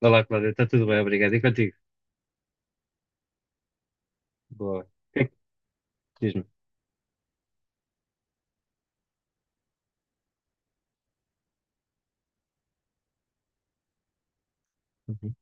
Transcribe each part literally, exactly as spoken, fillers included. Olá, Cláudia, está tudo bem, obrigado. E contigo? Boa, diz-me. Uhum.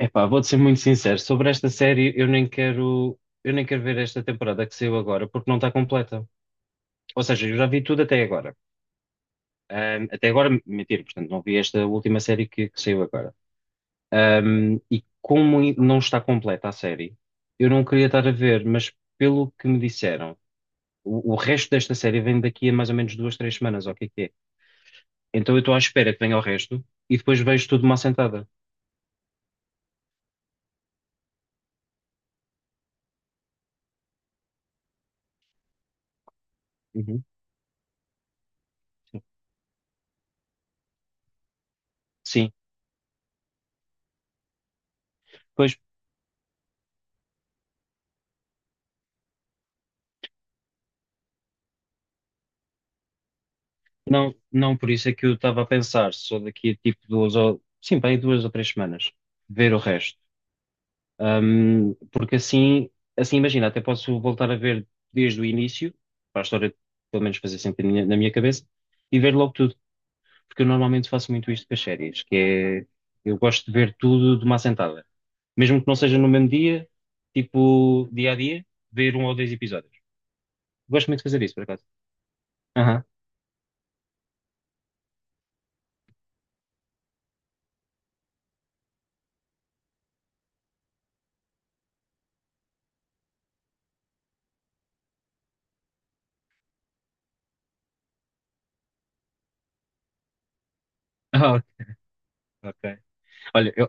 Epá, vou-te ser muito sincero, sobre esta série eu nem quero, eu nem quero ver esta temporada que saiu agora, porque não está completa. Ou seja, eu já vi tudo até agora. Ahm, até agora, mentira, portanto, não vi esta última série que, que saiu agora. Ahm, e como i- não está completa a série, eu não queria estar a ver, mas pelo que me disseram, o, o resto desta série vem daqui a mais ou menos duas, três semanas, ou o que é que é? Então eu estou à espera que venha o resto e depois vejo tudo de uma assentada. Uhum. Sim, pois não, não por isso é que eu estava a pensar, só daqui a tipo duas ou sim, bem duas ou três semanas, ver o resto. Ahm, porque assim, assim imagina, até posso voltar a ver desde o início, para a história pelo menos fazer sempre na minha na minha cabeça, e ver logo tudo, porque eu normalmente faço muito isto com as séries, que é eu gosto de ver tudo de uma assentada. Mesmo que não seja no mesmo dia, tipo dia a dia, ver um ou dois episódios. Gosto muito de fazer isso, por acaso. Aham. Ah, ok. Olha, eu.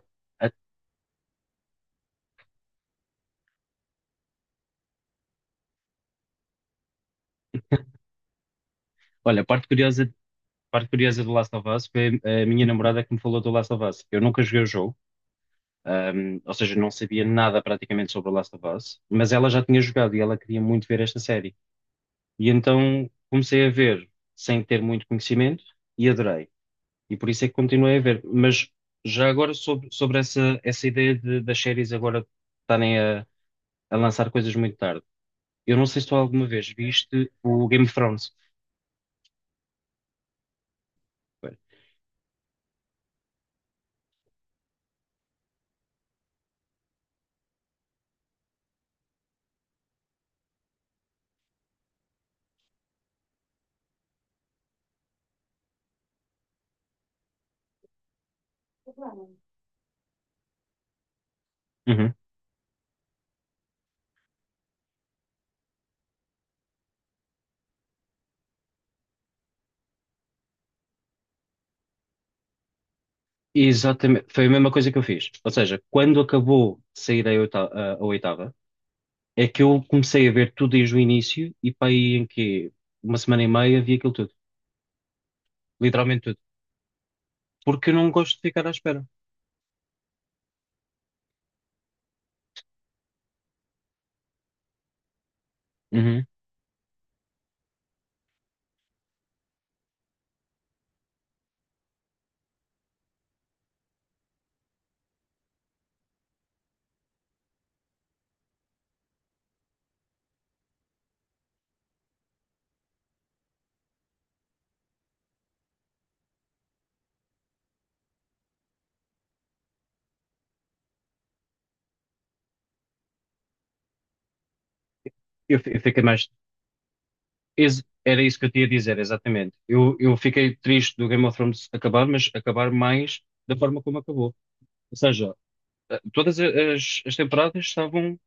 Olha, a parte curiosa, a parte curiosa do Last of Us foi a minha namorada que me falou do Last of Us. Eu nunca joguei o jogo, ahm, ou seja, não sabia nada praticamente sobre o Last of Us, mas ela já tinha jogado e ela queria muito ver esta série. E então comecei a ver sem ter muito conhecimento e adorei. E por isso é que continuei a ver. Mas já agora sobre, sobre essa, essa ideia de- das séries agora estarem a, a lançar coisas muito tarde. Eu não sei se tu alguma vez viste o Game of Thrones. Foi. Exatamente, foi a mesma coisa que eu fiz. Ou seja, quando acabou de sair a oita- a- a oitava, é que eu comecei a ver tudo desde o início e para aí em que uma semana e meia vi aquilo tudo, literalmente tudo, porque eu não gosto de ficar à espera. Uhum. Eu, fi- eu fiquei mais. ex- Era isso que eu tinha a dizer, exatamente. Eu, eu fiquei triste do Game of Thrones acabar, mas acabar mais da forma como acabou. Ou seja, eh, todas a- as, as temporadas estavam,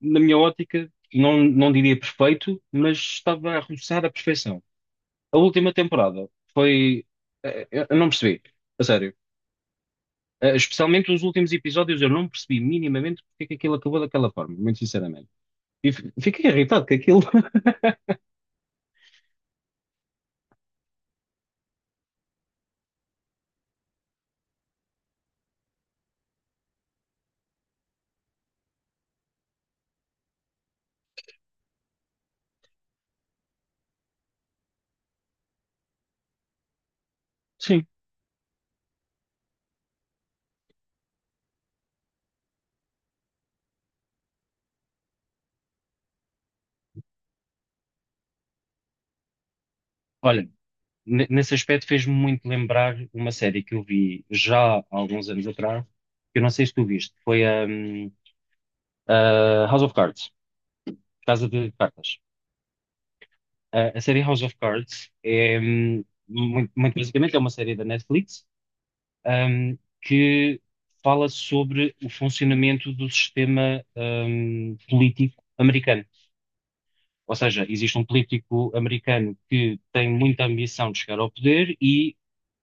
na minha ótica, não, não diria perfeito, mas estava a roçar a perfeição. A última temporada foi. eh, Eu eu não percebi, a sério. Eh, Especialmente os últimos episódios, eu não percebi minimamente porque é que aquilo acabou daquela forma, muito sinceramente. E f- fiquei irritado com aquilo. Sim. Olha, ne- nesse aspecto fez-me muito lembrar uma série que eu vi já há alguns anos atrás, que eu não sei se tu viste, foi a, hum, a House of Cards, Casa de Cartas. A, a série House of Cards é, hum, muito, muito basicamente, é uma série da Netflix ahm, que fala sobre o funcionamento do sistema, ahm, político americano. Ou seja, existe um político americano que tem muita ambição de chegar ao poder e,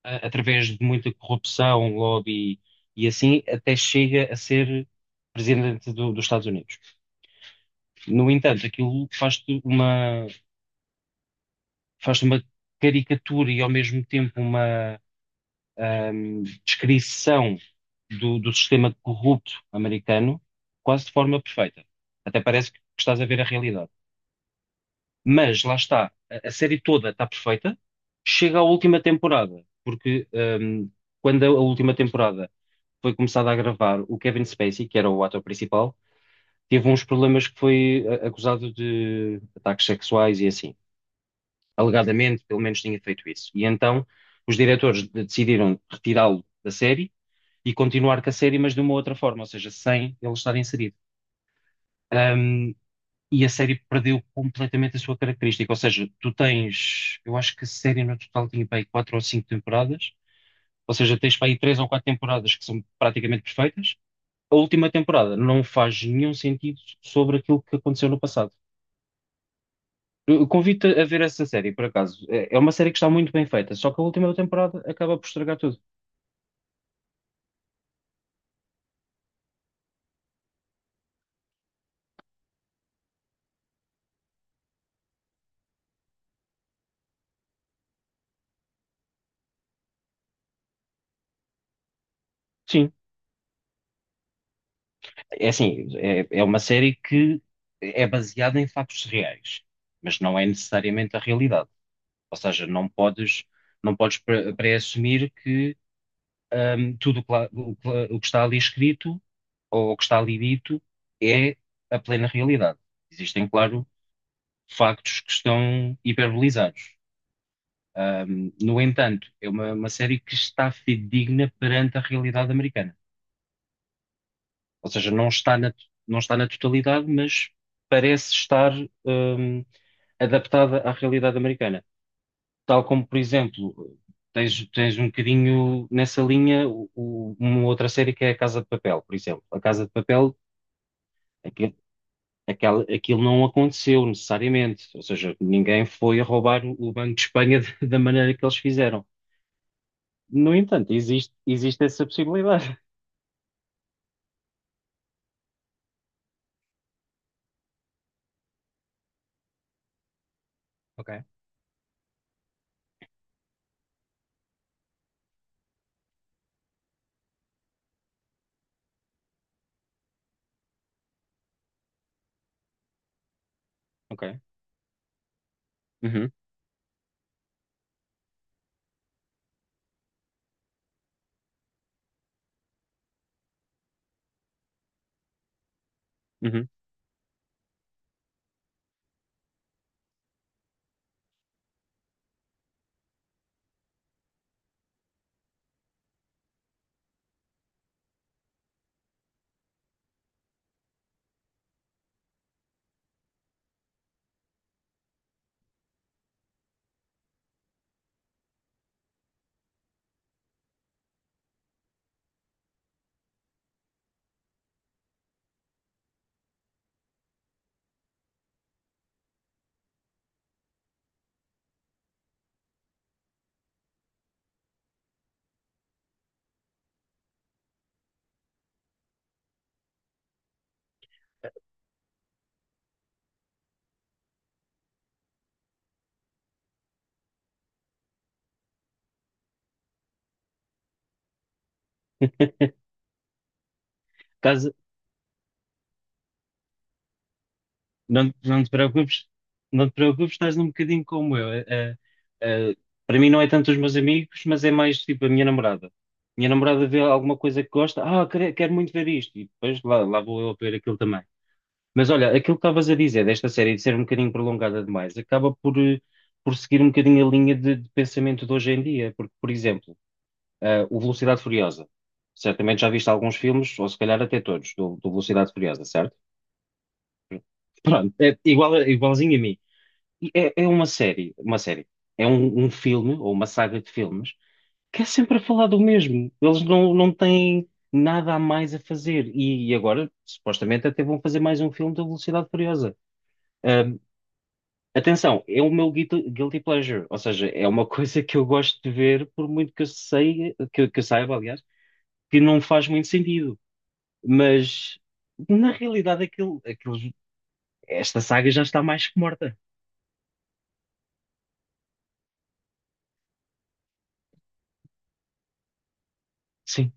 a- através de muita corrupção, lobby e assim, até chega a ser presidente do- dos Estados Unidos. No entanto, aquilo faz-te uma, faz uma caricatura e, ao mesmo tempo, uma ahm, descrição do, do sistema corrupto americano quase de forma perfeita. Até parece que estás a ver a realidade. Mas lá está, a, a série toda está perfeita, chega à última temporada, porque ahm, quando a, a última temporada foi começada a gravar, o Kevin Spacey, que era o ator principal, teve uns problemas que foi a- acusado de ataques sexuais e assim. Alegadamente, pelo menos tinha feito isso. E então os diretores de- decidiram retirá-lo da série e continuar com a série, mas de uma outra forma, ou seja, sem ele estar inserido. Um, e a série perdeu completamente a sua característica, ou seja, tu tens, eu acho que a série no total tinha para aí quatro ou cinco temporadas, ou seja, tens para aí três ou quatro temporadas que são praticamente perfeitas. A última temporada não faz nenhum sentido sobre aquilo que aconteceu no passado. Eu convido-te a ver essa série, por acaso. É é uma série que está muito bem feita, só que a última temporada acaba por estragar tudo. Sim, é assim, é, é uma série que é baseada em factos reais, mas não é necessariamente a realidade. Ou seja, não podes, não podes pre- pré-assumir que hum, tudo o que lá- o que lá- o que está ali escrito ou o que está ali dito é a plena realidade. Existem, claro, factos que estão hiperbolizados. Hum, no entanto, é uma, uma série que está fidedigna perante a realidade americana. Ou seja, não está na, não está na totalidade, mas parece estar, hum, adaptada à realidade americana. Tal como, por exemplo, tens, tens um bocadinho nessa linha o- o- uma outra série que é a Casa de Papel, por exemplo. A Casa de Papel, aquele, aquela- aquilo não aconteceu necessariamente, ou seja, ninguém foi a roubar o o Banco de Espanha da maneira que eles fizeram. No entanto, existe, existe essa possibilidade. Ok, ok. Uhum, uhum. Casa- Não, não te preocupes, não te preocupes, estás um bocadinho como eu. Eh, eh, eh, para mim não é tanto os meus amigos, mas é mais tipo a minha namorada. Minha namorada vê alguma coisa que gosta, ah, quero, quero muito ver isto, e depois lá, lá vou eu ver aquilo também. Mas olha, aquilo que estavas a dizer desta série de ser um bocadinho prolongada demais, acaba por, eh, por seguir um bocadinho a linha de, de pensamento de hoje em dia, porque, por exemplo, eh, o Velocidade Furiosa. Certamente já viste alguns filmes, ou se calhar até todos, do, do Velocidade Furiosa, certo? Pronto, é igual, a- igualzinho a mim. E é, é uma série, uma série. É um, um filme ou uma saga de filmes que é sempre a falar do mesmo. Eles não, não têm nada a mais a fazer. E, e agora, supostamente, até vão fazer mais um filme da Velocidade Furiosa. Ahm, Atenção, é o meu guilty, guilty pleasure. Ou seja, é uma coisa que eu gosto de ver, por muito que eu sei, que, eu- que eu saiba, aliás, que não faz muito sentido. Mas, na realidade, aquilo, aquilo, esta saga já está mais que morta. Sim,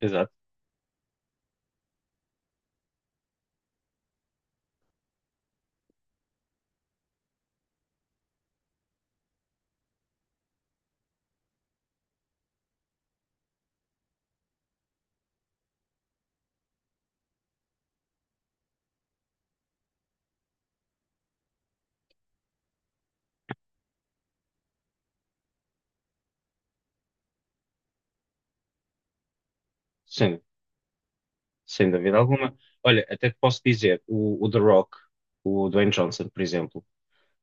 exato. Sim. Sem dúvida alguma. Olha, até te posso dizer, o, o The Rock, o Dwayne Johnson, por exemplo,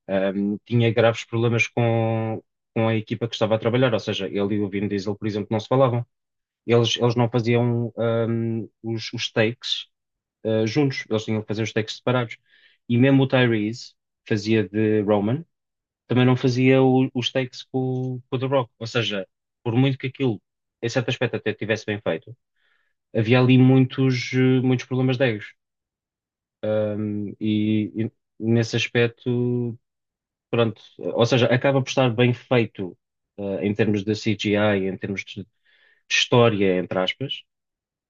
ahm, tinha graves problemas com, com a equipa que estava a trabalhar, ou seja, ele e o Vin Diesel, por exemplo, não se falavam. Eles, eles não faziam ahm, os, os takes ah, juntos, eles tinham que fazer os takes separados. E mesmo o Tyrese fazia de Roman, também não fazia o- os takes com, o- com o The Rock. Ou seja, por muito que aquilo, em certo aspecto, até tivesse bem feito, havia ali muitos, eh, muitos problemas de egos. Um, e, e nesse aspecto, pronto, ou seja, acaba por estar bem feito, uh, em termos de C G I, em termos de, de história, entre aspas,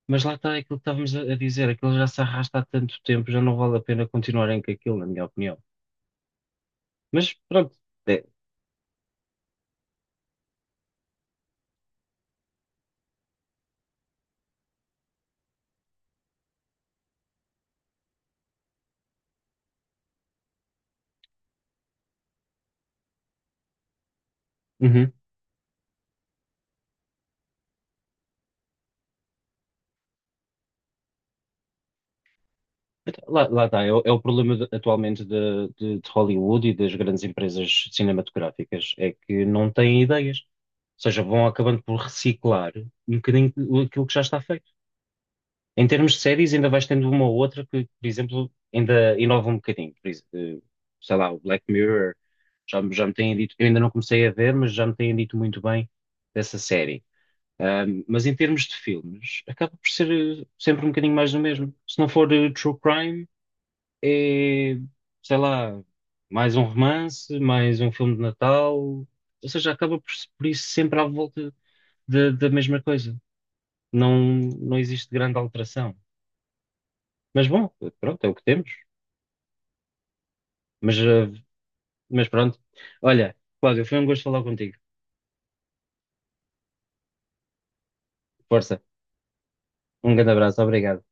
mas lá está aquilo que estávamos a, a dizer, aquilo já se arrasta há tanto tempo, já não vale a pena continuarem com aquilo, na minha opinião. Mas pronto, é, uhum. Então, Lá, lá está, é, o é o problema de- atualmente de, de- de Hollywood e das grandes empresas cinematográficas, é que não têm ideias. Ou seja, vão acabando por reciclar um bocadinho aquilo que já está feito. Em termos de séries, ainda vais tendo uma ou outra que, por exemplo, ainda inova um bocadinho. Por ex- eh, sei lá, o Black Mirror, já, me- já me têm dito, eu ainda não comecei a ver, mas já me têm dito muito bem dessa série. Ahm, mas em termos de filmes, acaba por ser eh, sempre um bocadinho mais do mesmo. Se não for eh, True Crime, é, sei lá, mais um romance, mais um filme de Natal. Ou seja, acaba por, por isso sempre à volta da da mesma coisa. Não, não existe grande alteração. Mas bom, pronto, é o que temos. Mas, eh, mas pronto. Olha, Cláudio, foi um gosto falar contigo. Força. Um grande abraço. Obrigado.